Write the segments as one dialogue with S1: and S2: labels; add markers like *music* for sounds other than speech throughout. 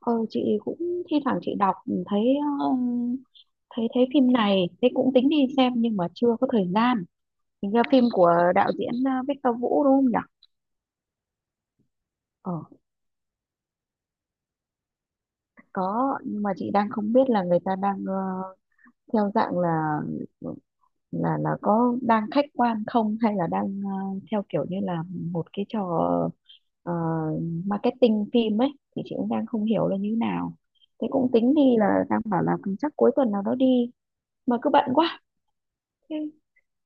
S1: Ờ chị cũng thi thoảng chị đọc thấy ờ, thấy thấy phim này, thế cũng tính đi xem nhưng mà chưa có thời gian. Hình ra phim của đạo diễn Victor Vũ đúng không nhỉ? ờ có, nhưng mà chị đang không biết là người ta đang theo dạng là là có đang khách quan không, hay là đang theo kiểu như là một cái trò ờ, marketing phim ấy, thì chị cũng đang không hiểu là như thế nào. Thế cũng tính đi, là đang bảo là chắc cuối tuần nào đó đi, mà cứ bận quá. Thế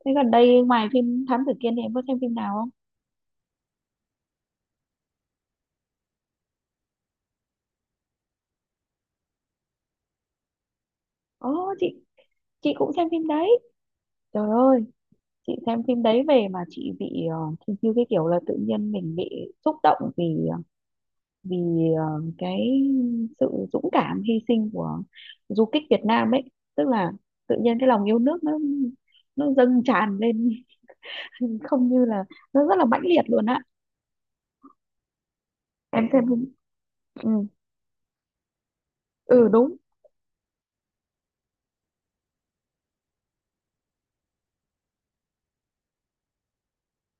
S1: Thế gần đây ngoài phim Thám Tử Kiên thì em có xem phim nào không? Ồ, chị cũng xem phim đấy. Trời ơi, chị xem phim đấy về mà chị bị thì như cái kiểu là tự nhiên mình bị xúc động vì ờ, vì ờ, cái sự dũng cảm hy sinh của du kích Việt Nam ấy, tức là tự nhiên cái lòng yêu nước nó dâng tràn lên *laughs* không, như là nó rất là mãnh liệt luôn á. Em xem phim ừ, ừ đúng.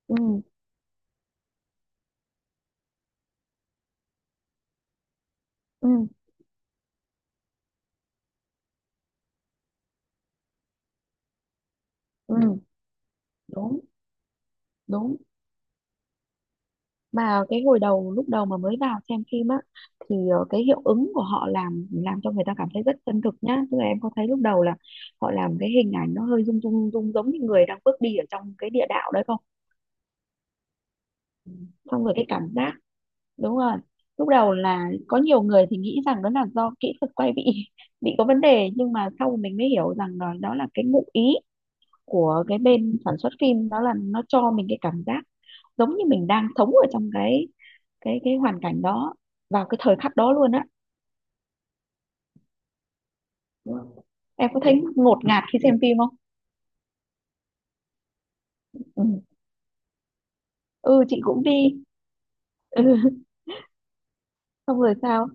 S1: Ừ, ừ, ừ đúng, đúng. Mà cái hồi đầu, lúc đầu mà mới vào xem phim á, thì cái hiệu ứng của họ làm cho người ta cảm thấy rất chân thực nhá, tức là em có thấy lúc đầu là họ làm cái hình ảnh nó hơi rung rung rung giống như người đang bước đi ở trong cái địa đạo đấy không? Xong rồi cái cảm giác, đúng rồi, lúc đầu là có nhiều người thì nghĩ rằng đó là do kỹ thuật quay bị *laughs* bị có vấn đề, nhưng mà sau mình mới hiểu rằng đó, đó là cái ngụ ý của cái bên sản xuất phim, đó là nó cho mình cái cảm giác giống như mình đang sống ở trong cái cái hoàn cảnh đó, vào cái thời khắc đó luôn á. Vâng. Em có thấy ngột ngạt khi xem phim không? Ừ, ừ chị cũng đi. Ừ. *laughs* Xong rồi sao?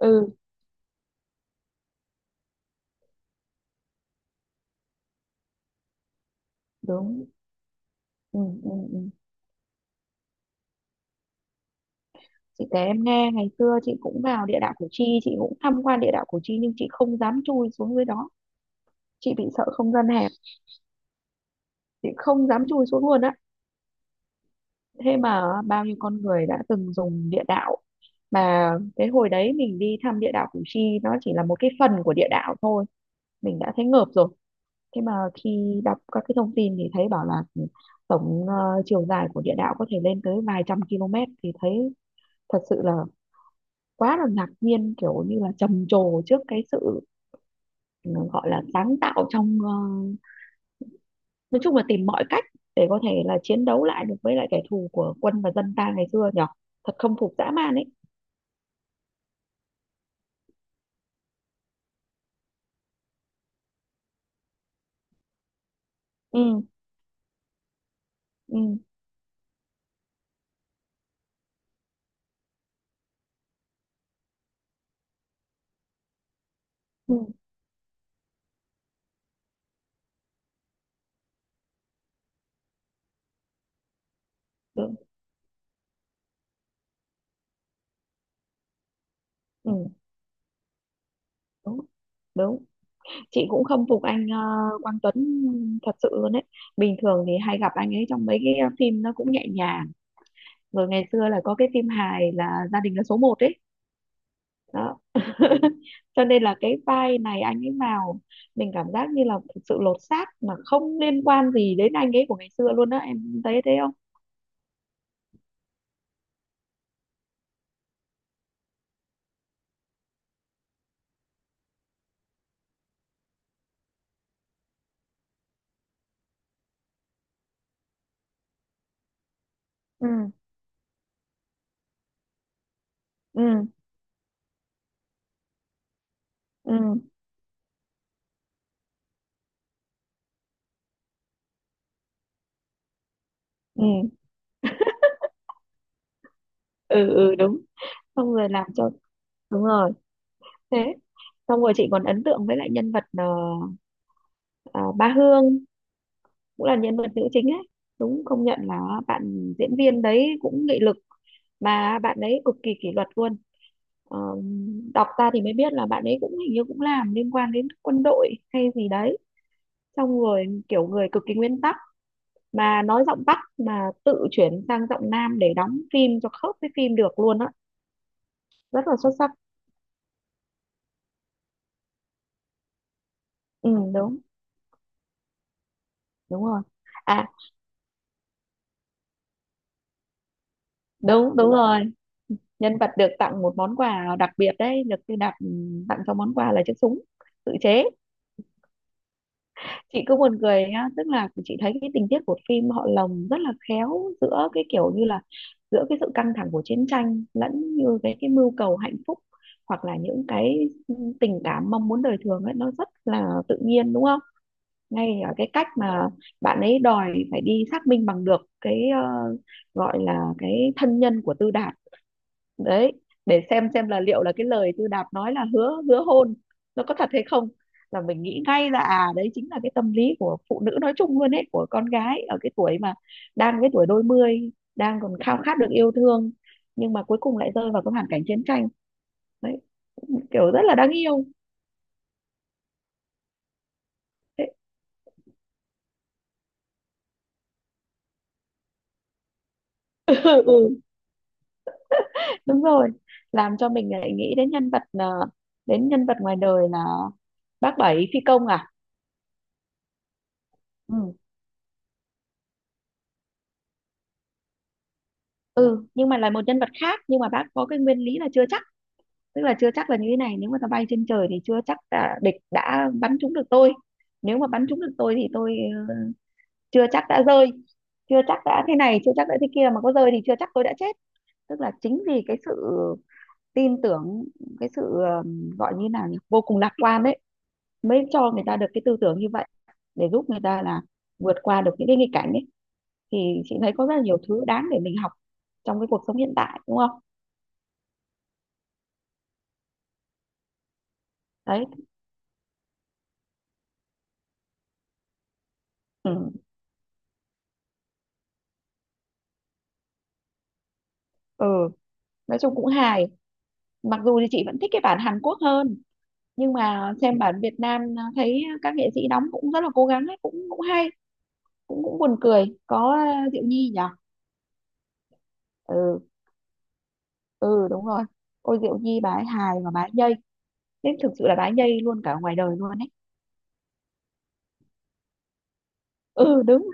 S1: Ừ đúng. Ừ, ừ, ừ. Chị kể em nghe, ngày xưa chị cũng vào địa đạo Củ Chi, chị cũng tham quan địa đạo Củ Chi nhưng chị không dám chui xuống dưới đó, chị bị sợ không gian hẹp, chị không dám chui xuống luôn á. Thế mà bao nhiêu con người đã từng dùng địa đạo. Mà cái hồi đấy mình đi thăm địa đạo Củ Chi, nó chỉ là một cái phần của địa đạo thôi, mình đã thấy ngợp rồi. Thế mà khi đọc các cái thông tin thì thấy bảo là tổng chiều dài của địa đạo có thể lên tới vài trăm km, thì thấy thật sự là quá là ngạc nhiên, kiểu như là trầm trồ trước cái sự ừ, gọi là sáng tạo trong nói chung là tìm mọi cách để có thể là chiến đấu lại được với lại kẻ thù của quân và dân ta ngày xưa nhỉ. Thật không phục, dã man ấy. Ừ, ừ, ừ đúng. Ừ, đúng, đúng. Chị cũng không phục anh Quang Tuấn thật sự luôn đấy. Bình thường thì hay gặp anh ấy trong mấy cái phim nó cũng nhẹ nhàng, rồi ngày xưa là có cái phim hài là Gia Đình Là Số Một ấy đó. *laughs* Cho nên là cái vai này anh ấy vào, mình cảm giác như là thực sự lột xác, mà không liên quan gì đến anh ấy của ngày xưa luôn, đó em thấy thế không? Ừ, ừ, ừ, ừ, ừ, ừ đúng. Xong rồi làm cho, đúng rồi. Thế xong rồi chị còn ấn tượng với lại nhân vật ờ, Ba Hương, cũng là nhân vật nữ chính ấy. Đúng, công nhận là bạn diễn viên đấy cũng nghị lực, mà bạn ấy cực kỳ kỷ luật luôn. Ờ, Đọc ra thì mới biết là bạn ấy cũng hình như cũng làm liên quan đến quân đội hay gì đấy, xong rồi kiểu người cực kỳ nguyên tắc, mà nói giọng Bắc mà tự chuyển sang giọng Nam để đóng phim cho khớp với phim được luôn á, rất là xuất sắc. Ừ đúng, đúng rồi. À, đúng, đúng rồi. Nhân vật được tặng một món quà đặc biệt đấy, được được đặt, tặng cho món quà là chiếc súng tự chế. Chị cứ buồn cười nhá, tức là chị thấy cái tình tiết của phim họ lồng rất là khéo giữa cái kiểu như là giữa cái sự căng thẳng của chiến tranh lẫn như cái mưu cầu hạnh phúc, hoặc là những cái tình cảm mong muốn đời thường ấy, nó rất là tự nhiên đúng không? Ngay ở cái cách mà bạn ấy đòi phải đi xác minh bằng được cái gọi là cái thân nhân của Tư Đảo đấy, để xem là liệu là cái lời Tư Đạp nói là hứa hứa hôn nó có thật hay không, là mình nghĩ ngay là à, đấy chính là cái tâm lý của phụ nữ nói chung luôn ấy, của con gái ở cái tuổi mà đang cái tuổi đôi mươi, đang còn khao khát được yêu thương nhưng mà cuối cùng lại rơi vào cái hoàn cảnh chiến tranh đấy, kiểu rất là đáng yêu. *laughs* Ừ, ừ, đúng rồi. Làm cho mình lại nghĩ đến nhân vật, đến nhân vật ngoài đời là bác Bảy phi công à. Ừ. Ừ, nhưng mà là một nhân vật khác, nhưng mà bác có cái nguyên lý là chưa chắc, tức là chưa chắc, là như thế này, nếu mà nó bay trên trời thì chưa chắc là địch đã bắn trúng được tôi, nếu mà bắn trúng được tôi thì tôi ờ, chưa chắc đã rơi, chưa chắc đã thế này, chưa chắc đã thế kia, mà có rơi thì chưa chắc tôi đã chết. Tức là chính vì cái sự tin tưởng, cái sự gọi như nào nhỉ, vô cùng lạc quan đấy, mới cho người ta được cái tư tưởng như vậy, để giúp người ta là vượt qua được những cái nghịch cảnh ấy. Thì chị thấy có rất là nhiều thứ đáng để mình học trong cái cuộc sống hiện tại đúng không? Đấy. Ừ, ừ. Nói chung cũng hài, mặc dù thì chị vẫn thích cái bản Hàn Quốc hơn, nhưng mà xem bản Việt Nam thấy các nghệ sĩ đóng cũng rất là cố gắng ấy, cũng cũng hay, cũng cũng buồn cười, có Diệu Nhi nhỉ. Ừ, ừ đúng rồi. Ôi Diệu Nhi, bà ấy hài và bà ấy nhây, nên thực sự là bà ấy nhây luôn cả ngoài đời luôn ấy. Ừ đúng.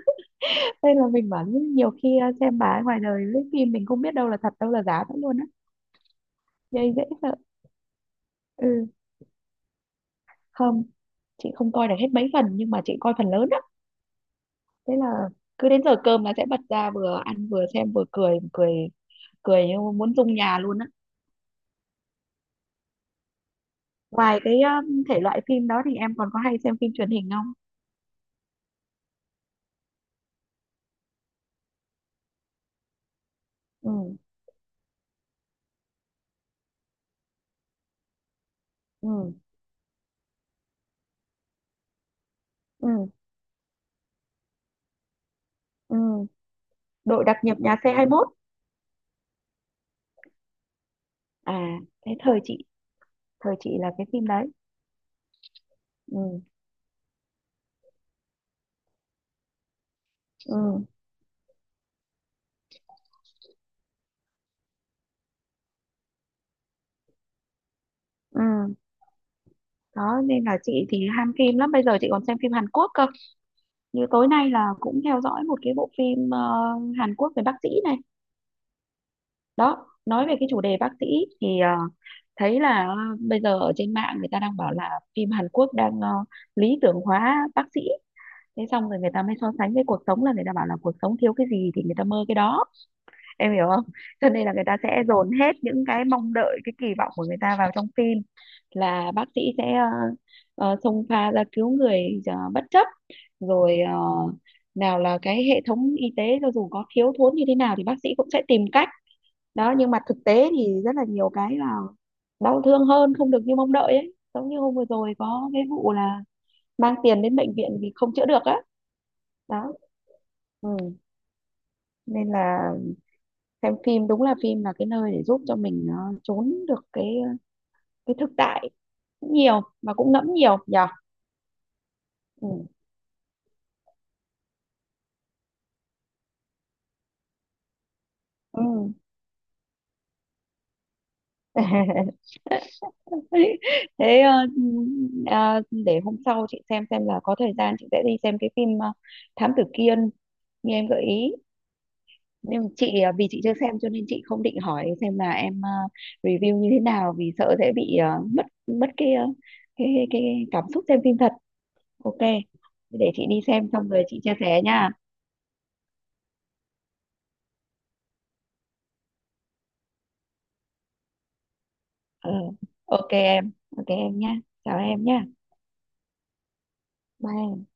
S1: Nên là mình bảo nhiều khi xem bà ấy ngoài đời lấy phim mình không biết đâu là thật đâu là giả nữa luôn á, nhây dễ sợ. Ừ. Không, chị không coi được hết mấy phần nhưng mà chị coi phần lớn á. Thế là cứ đến giờ cơm là sẽ bật ra, vừa ăn vừa xem vừa cười cười cười như muốn rung nhà luôn á. Ngoài cái thể loại phim đó thì em còn có hay xem phim truyền hình không? Ừ, ừ, ừ, ừ. Đội đặc nhiệm nhà xe 21. À, thế thời chị, thời chị là cái phim đấy. Ừ, ừ, ừ. Đó nên là chị thì ham phim lắm, bây giờ chị còn xem phim Hàn Quốc cơ. Như tối nay là cũng theo dõi một cái bộ phim Hàn Quốc về bác sĩ này đó, nói về cái chủ đề bác sĩ. Thì thấy là bây giờ ở trên mạng người ta đang bảo là phim Hàn Quốc đang lý tưởng hóa bác sĩ. Thế xong rồi người ta mới so sánh với cuộc sống, là người ta bảo là cuộc sống thiếu cái gì thì người ta mơ cái đó, em hiểu không? Cho nên là người ta sẽ dồn hết những cái mong đợi, cái kỳ vọng của người ta vào trong phim, là bác sĩ sẽ xông pha ra cứu người, bất chấp, rồi nào là cái hệ thống y tế cho dù có thiếu thốn như thế nào thì bác sĩ cũng sẽ tìm cách. Đó, nhưng mà thực tế thì rất là nhiều cái là đau thương hơn, không được như mong đợi ấy, giống như hôm vừa rồi có cái vụ là mang tiền đến bệnh viện vì không chữa được á. Đó. Ừ. Nên là xem phim đúng là phim là cái nơi để giúp cho mình trốn được cái cái thực tại nhiều, mà cũng ngẫm nhiều nhở. Ừ. Ừ. *laughs* Thế để hôm sau chị xem là có thời gian chị sẽ đi xem cái phim Thám Tử Kiên như em gợi ý. Nhưng chị vì chị chưa xem cho nên chị không định hỏi xem là em review như thế nào, vì sợ sẽ bị mất mất cái cái cảm xúc xem phim thật. Ok, để chị đi xem xong rồi chị chia sẻ nha. Ừ. Ok em. Ok em nhá, chào em nhá, bye em.